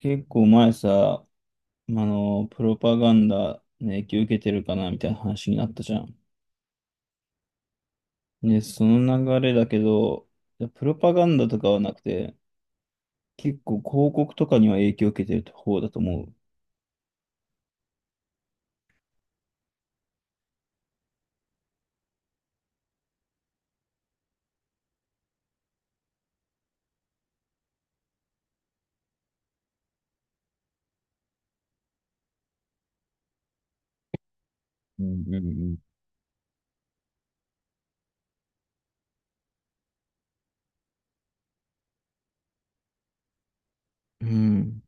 結構前さ、プロパガンダの影響受けてるかなみたいな話になったじゃん。ね、その流れだけど、いやプロパガンダとかはなくて、結構広告とかには影響受けてる方だと思う。うんうんうん。うん、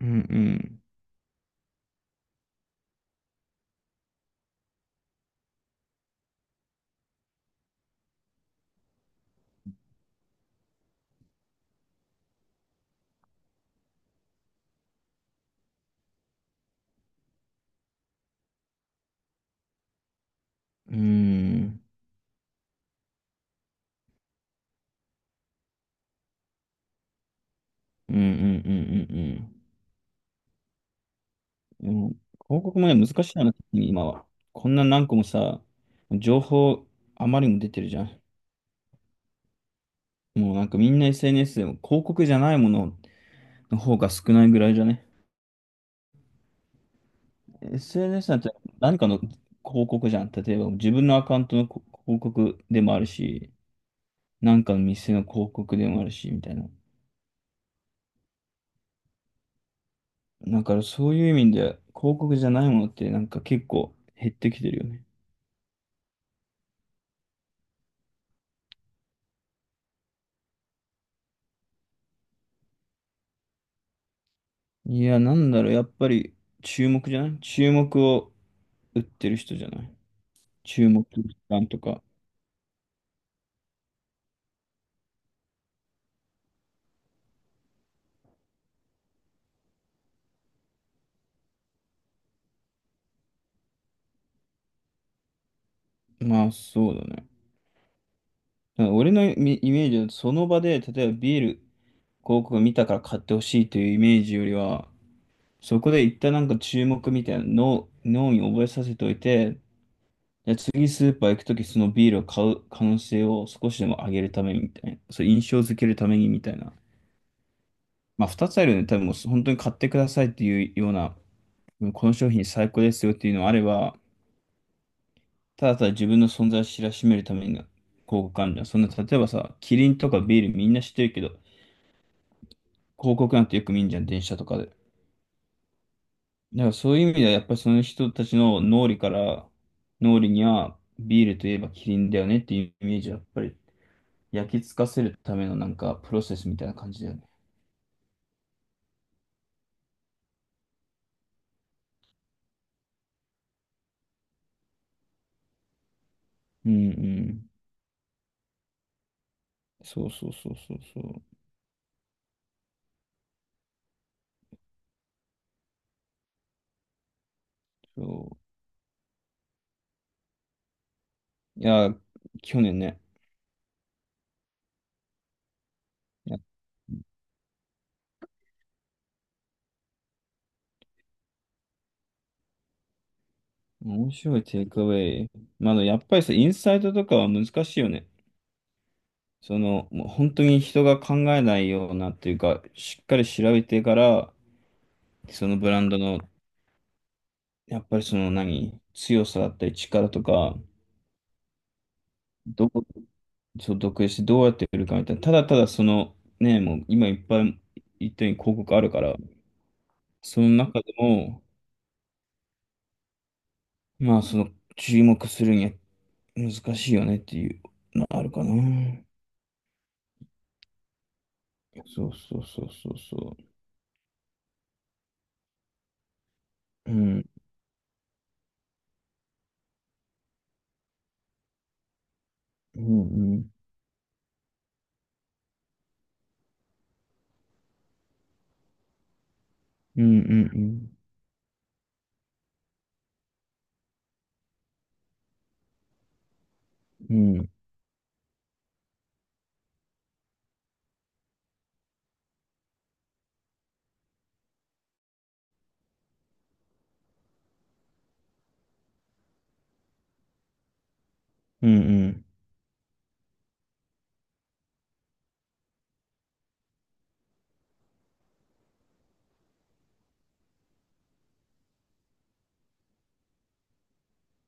うん、うん、うん、うん、うん、うん、うん。うん。でも広告もね、難しいよね、特に今は。こんな何個もさ、情報あまりにも出てるじゃん。もうなんかみんな SNS でも広告じゃないものをの方が少ないぐらいじゃね？ SNS なんて何かの広告じゃん。例えば自分のアカウントの広告でもあるし、何かの店の広告でもあるし、みたいな。だからそういう意味で広告じゃないものってなんか結構減ってきてるよね。いや、なんだろう、やっぱり注目じゃない注目を売ってる人じゃない注目感とか。まあそうだね。だから俺のイメージはその場で、例えばビール広告を見たから買ってほしいというイメージよりは、そこで一旦なんか注目みたいなの脳に覚えさせておいて、じゃあ次スーパー行くときそのビールを買う可能性を少しでも上げるためにみたいな。そう印象づけるためにみたいな。まあ二つあるよね。多分もう本当に買ってくださいっていうような、この商品最高ですよっていうのもあれば、ただただ自分の存在を知らしめるために広告あるじゃん。そんな、例えばさ、キリンとかビールみんな知ってるけど、広告なんてよく見んじゃん、電車とかで。だからそういう意味では、やっぱりその人たちの脳裏から、脳裏にはビールといえばキリンだよねっていうイメージは、やっぱり焼き付かせるためのなんかプロセスみたいな感じだよね。うんうん。そうそうそうそうそう。そう。いや、去年ね。いや面白いテイクアウェイ。まだやっぱりさ、インサイトとかは難しいよね。その、もう本当に人が考えないようなっていうか、しっかり調べてから、そのブランドのやっぱりその何、強さだったり力とか、どう、そう、独立してどうやって売るかみたいな、ただただその、ね、もう今いっぱい言ったように広告あるから、その中でも、まあその注目するには難しいよねっていうのはあるかな。そうそうそうそうそう。うん、うん、うん、うん、うん、うん、うん、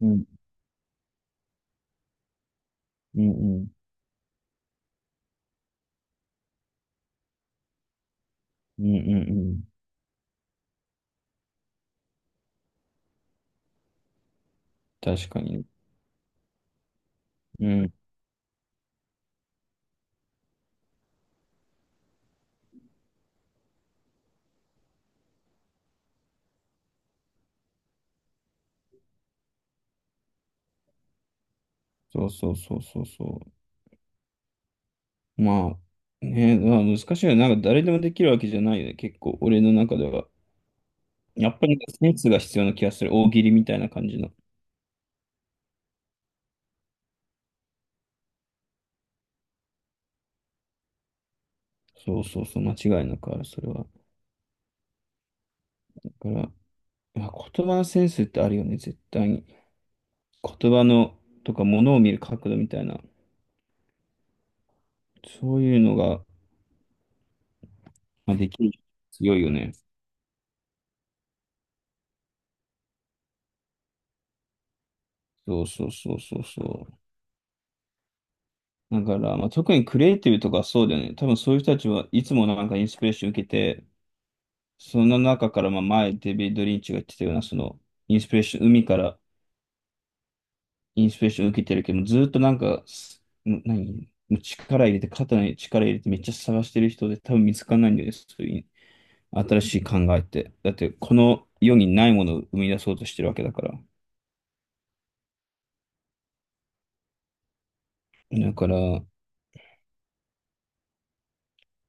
うん、うん、うん、うん、うん、うん、うんうん。確かに。うん、そうそうそうそうそう。まあ、ね、まあ難しいよね。なんか誰でもできるわけじゃないよね。結構、俺の中では。やっぱりセンスが必要な気がする。大喜利みたいな感じの。そうそうそう、間違いなくある、それは。だから、まあ、言葉のセンスってあるよね、絶対に。言葉の、とか、物を見る角度みたいな。そういうのが、まあ、できる。強いよね。そうそうそうそうそう。だから、まあ、特にクリエイティブとかそうだよね。多分そういう人たちはいつもなんかインスピレーション受けて、その中から、まあ前、デビッド・リンチが言ってたような、その、インスピレーション、海からインスピレーション受けてるけど、ずっとなんか、すん何もう力入れて、肩に力入れて、めっちゃ探してる人で多分見つかんないんだよね、そういう新しい考えって。だって、この世にないものを生み出そうとしてるわけだから。だから、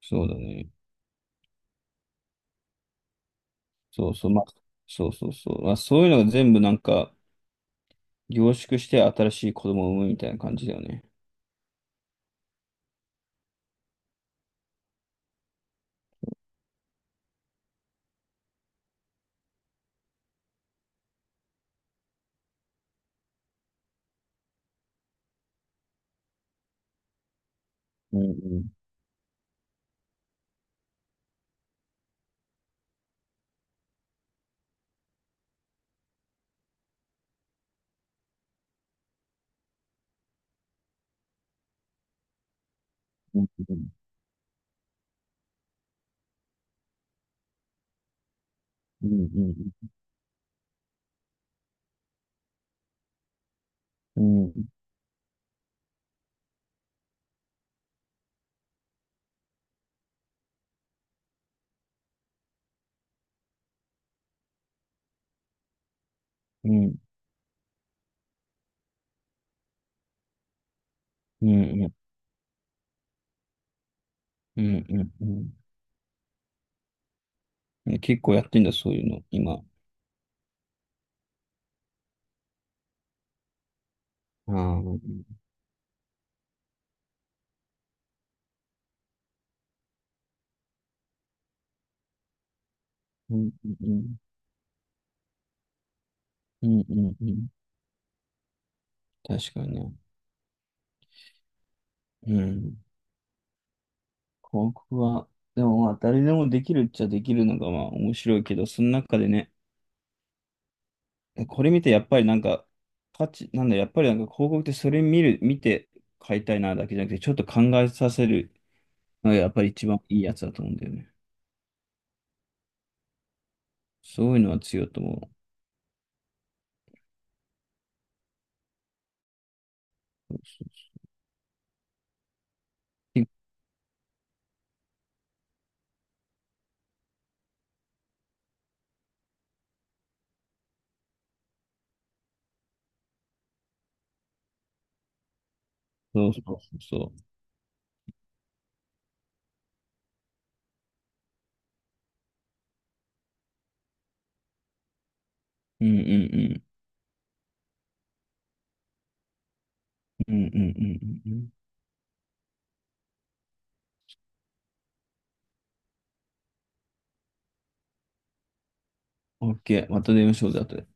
そうだね。そうそう、まあ、そうそうそう。まあ、そういうのが全部なんか、凝縮して新しい子供を産むみたいな感じだよね。うんうんうんうんうんうんうんうんうんうんうんうんうんうんうん。ね結構やってんだ、そういうの、今。ああ、うんうんうん。うんうんうん。確かにね。うん。広告は、でもまあ、誰でもできるっちゃできるのがまあ面白いけど、その中でね、これ見てやっぱりなんか、価値、なんだ、やっぱりなんか広告ってそれ見て買いたいなだけじゃなくて、ちょっと考えさせるのがやっぱり一番いいやつだと思うんだよね。そういうのは強いと思う。そうそうそうそう。そうそうそううんうんうん。うんうんうんうんうん。OK。また電話しようぜ、後で。